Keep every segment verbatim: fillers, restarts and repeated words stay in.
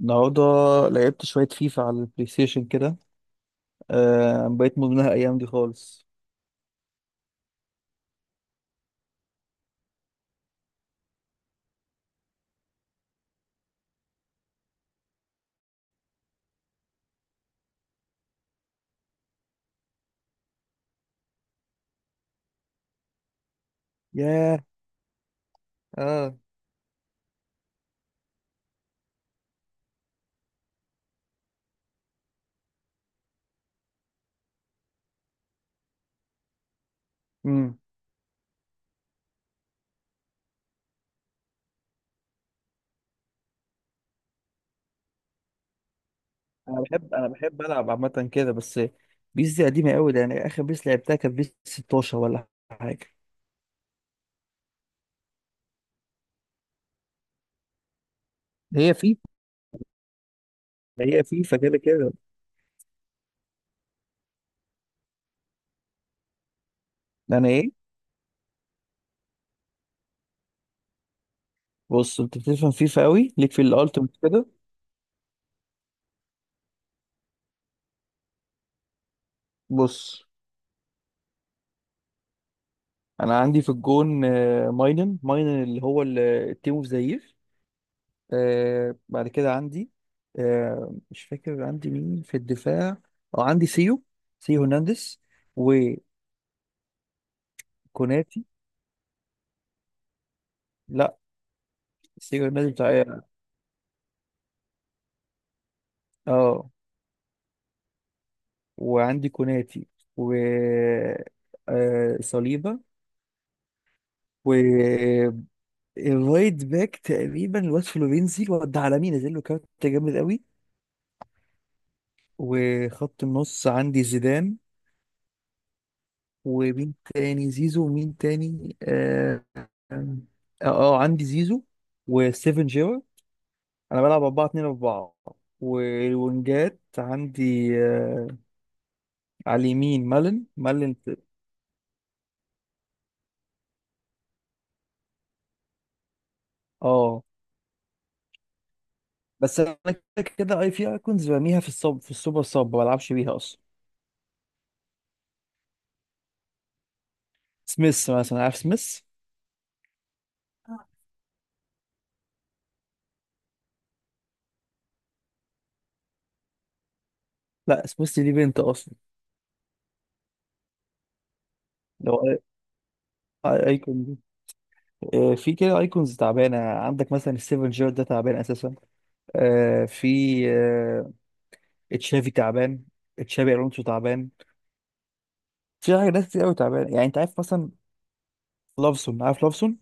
النهارده لعبت شوية فيفا على البلاي ستيشن كده. آه بقيت مدمنها الأيام دي خالص. ياه. اه. امم أنا بحب أنا بحب ألعب عامة كده. بس بيس دي قديمة أوي، ده يعني آخر بيس لعبتها كانت بيس ستاشر ولا حاجة. هي فيفا هي فيفا كده كده. أنا إيه؟ بص، أنت بتفهم فيفا أوي ليك في الألتيميت كده. بص، أنا عندي في الجون آه، ماينن ماينن اللي هو ال- التيم أوف ذا يير. آه، بعد كده عندي. آه، مش فاكر عندي مين في الدفاع. اه عندي سيو سيو هرنانديز وكوناتي. لا، سيو هرنانديز بتاع، اه. وعندي كوناتي. و آه صليبة. و آه، الرايت باك تقريبا الواد فلورينزي، الواد ده عالمي، نزل له كارت جامد قوي. وخط النص عندي زيدان. ومين تاني؟ زيزو. ومين تاني؟ اه. اه. آه، عندي زيزو وستيفن جيرو. انا بلعب أربعة اتنين أربعة. والونجات عندي آه على اليمين مالن مالن ت- اه بس انا كده كده اي في ايكونز برميها في الصب، في السوبر صب، ما بلعبش بيها اصلا. سميث مثلا، عارف سميث؟ لا، سميث دي بنت اصلا. لو أي- أي- ايكون دي. آه، في كده ايكونز تعبانه عندك، مثلا السيفن جيرو ده تعبان اساسا. آه، في. آه، تشافي تعبان. تشافي الونسو تعبان. في حاجه، ناس كتير قوي تعبان، يعني انت عارف مثلا لافسون، عارف لافسون؟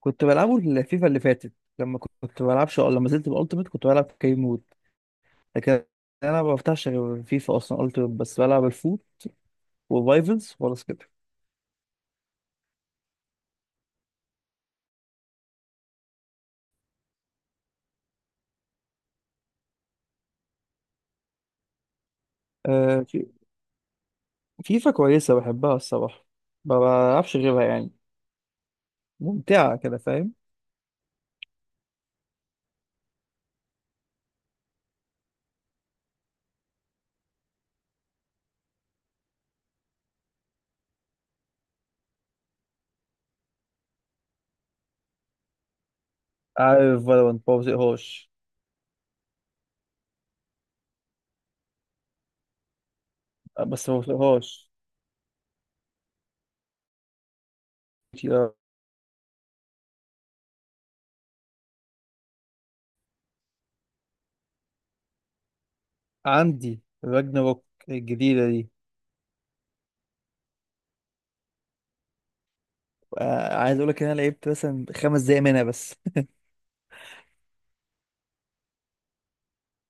كنت بلعبه الفيفا اللي فاتت. لما كنت بلعبش أو لما زلت بالالتيميت كنت بلعب كيم مود. لكن انا ما بفتحش غير فيفا اصلا. التيميت بس بلعب الفول وفايفلز خلاص كده. آه في- فيفا كويسه، بحبها الصراحه. ما بلعبش غيرها يعني. ممتعه كده، فاهم. عارف فالورانت، ما بطيقهاش. بس ما بطيقهاش. عندي راجناروك الجديده دي. آه، عايز اقول لك ان انا لعبت مثلا خمس دقايق منها بس.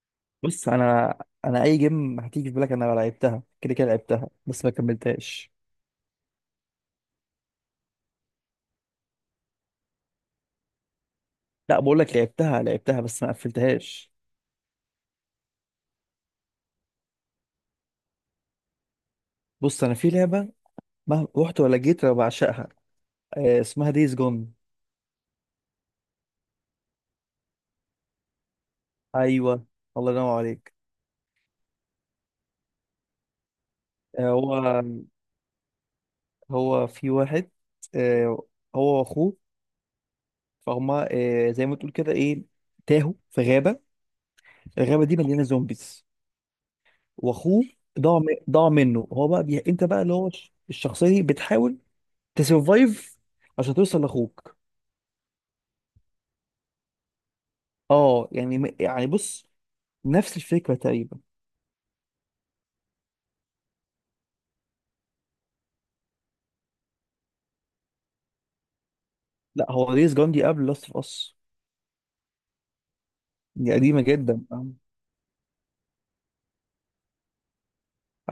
بص انا. انا اي جيم هتيجي في بالك انا لعبتها كده كده، لعبتها بس ما كملتهاش. لا بقول لك لعبتها، لعبتها بس ما قفلتهاش. بص انا في لعبه ما رحت ولا جيت انا بعشقها. آه، اسمها دايز جون. ايوه. الله ينور عليك. آه، هو هو في واحد. آه، هو واخوه، فهما آه، زي ما تقول كده، ايه، تاهوا في غابه. الغابه دي مليانه زومبيز. واخوه ضاع م- ضاع منه. هو بقى بي... انت بقى اللي هو الش- الشخصيه دي بتحاول تسرفايف عشان توصل لاخوك. اه يعني م- يعني بص، نفس الفكره تقريبا. لا هو، ديز جون دي قبل لاست اوف اس. دي قديمه جدا.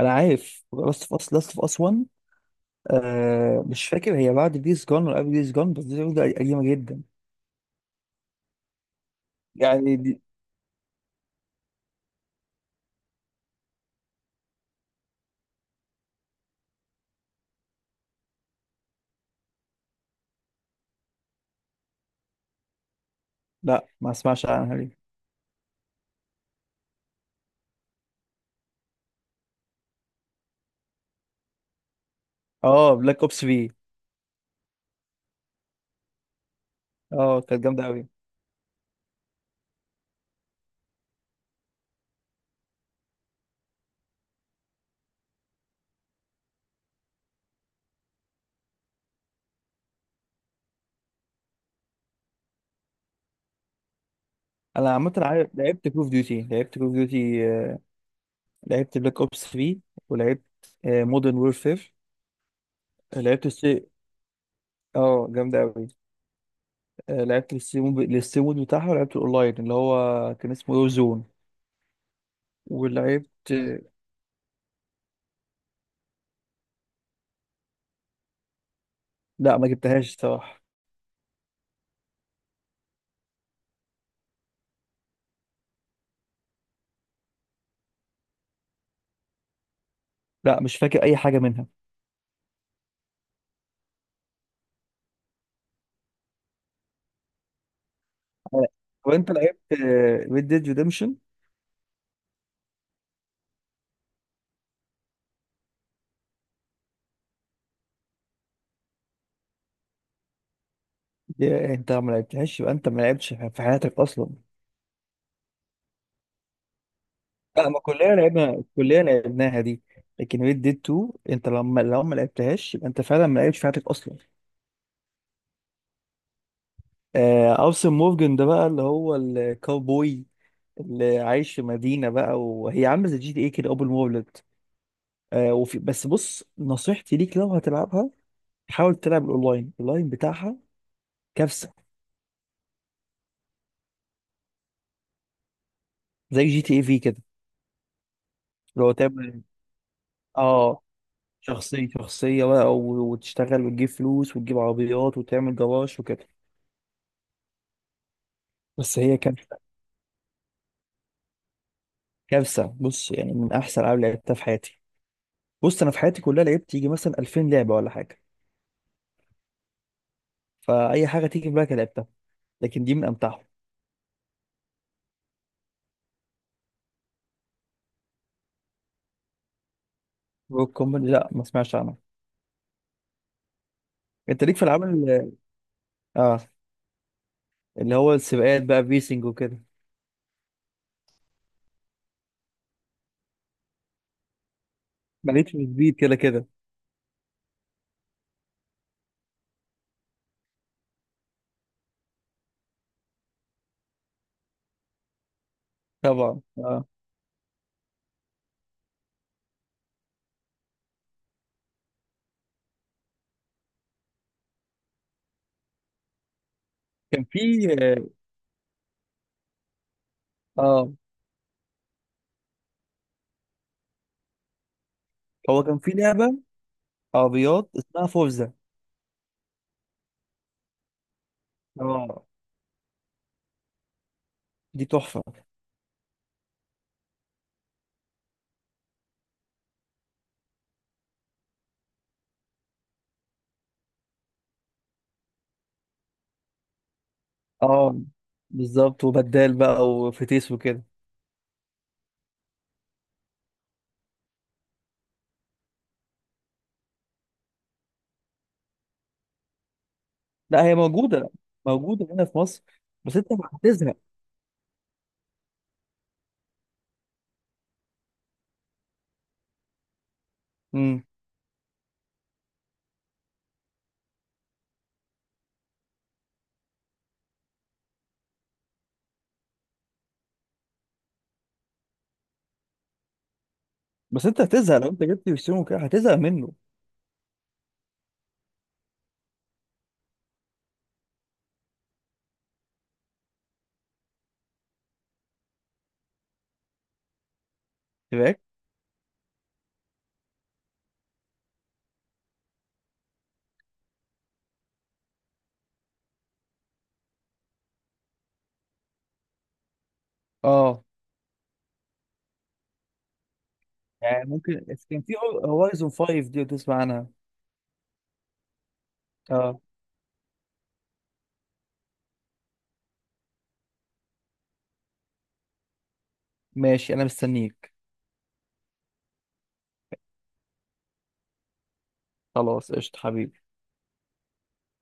انا عارف لاست اوف اس، لاست اوف اس ون. آه، مش فاكر هي بعد ديز جون ولا قبل ديز جون، بس ديز جون دي قديمه جدا. يعني دي. لا، ما اسمعش عنها دي. اه، بلاك اوبس في. اه، كانت جامده قوي. انا عامه عارف- لعبت كول اوف ديوتي لعبت كول اوف ديوتي لعبت بلاك اوبس تري. ولعبت مودرن وورفير. لعبت السي. اه، جامدة أوي. آه، لعبت السي مود، السي مود بتاعها. ولعبت الأونلاين اللي هو كان اسمه وور زون. ولعبت. لا ما جبتهاش الصراحة. لا مش فاكر أي حاجة منها. آه، وأنت لعبت ريد ديد ريدمشن؟ أنت ما لعبتهاش؟ يبقى أنت ما لعبتش في حياتك أصلا. لا، ما كلنا لعبنا الكلية لعبناها دي. لكن ريد ديد تو، أنت لما لو ما لعبتهاش يبقى أنت فعلا ما لعبتش في حياتك أصلا. آه، أوسن مورجن ده بقى اللي هو الكاوبوي، اللي عايش في مدينة بقى وهي عاملة زي جي تي ايه كده، أول مولد. آه وفي، بس بص نصيحتي ليك لو هتلعبها، حاول تلعب الأونلاين. الأونلاين بتاعها كارثة. زي جي تي ايه في كده. اللي هو تعمل، اه، شخصية، شخصية بقى، و- وتشتغل وتجيب فلوس وتجيب عربيات وتعمل جراج وكده. بس هي كانت كارثة. بص يعني، من أحسن ألعاب لعبتها في حياتي. بص، أنا في حياتي كلها لعبت يجي مثلا ألفين لعبة ولا حاجة. فاي حاجه تيجي في بالك لعبتها. لكن دي من امتعهم. روك كومباني، لا ما سمعتش عنها. انت ليك في العاب ال- اه، اللي هو السباقات بقى، فيسنج وكده. ماليش في السبيد كده كده. طبعا اه. كان في، اه، آه. هو كان في لعبه عربيات اسمها فورزا. اه، دي تحفه. اه بالظبط، وبدال بقى وفتيس وكده. لا هي موجوده موجوده هنا في مصر. بس انت هتزهق. امم. بس انت هتزهق، لو انت جبت بيستون وكده هتزهق منه. سباق. اه يعني ممكن. كان في هورايزون فايف دي، لو تسمع عنها. اه ماشي، انا مستنيك. خلاص قشطة حبيبي.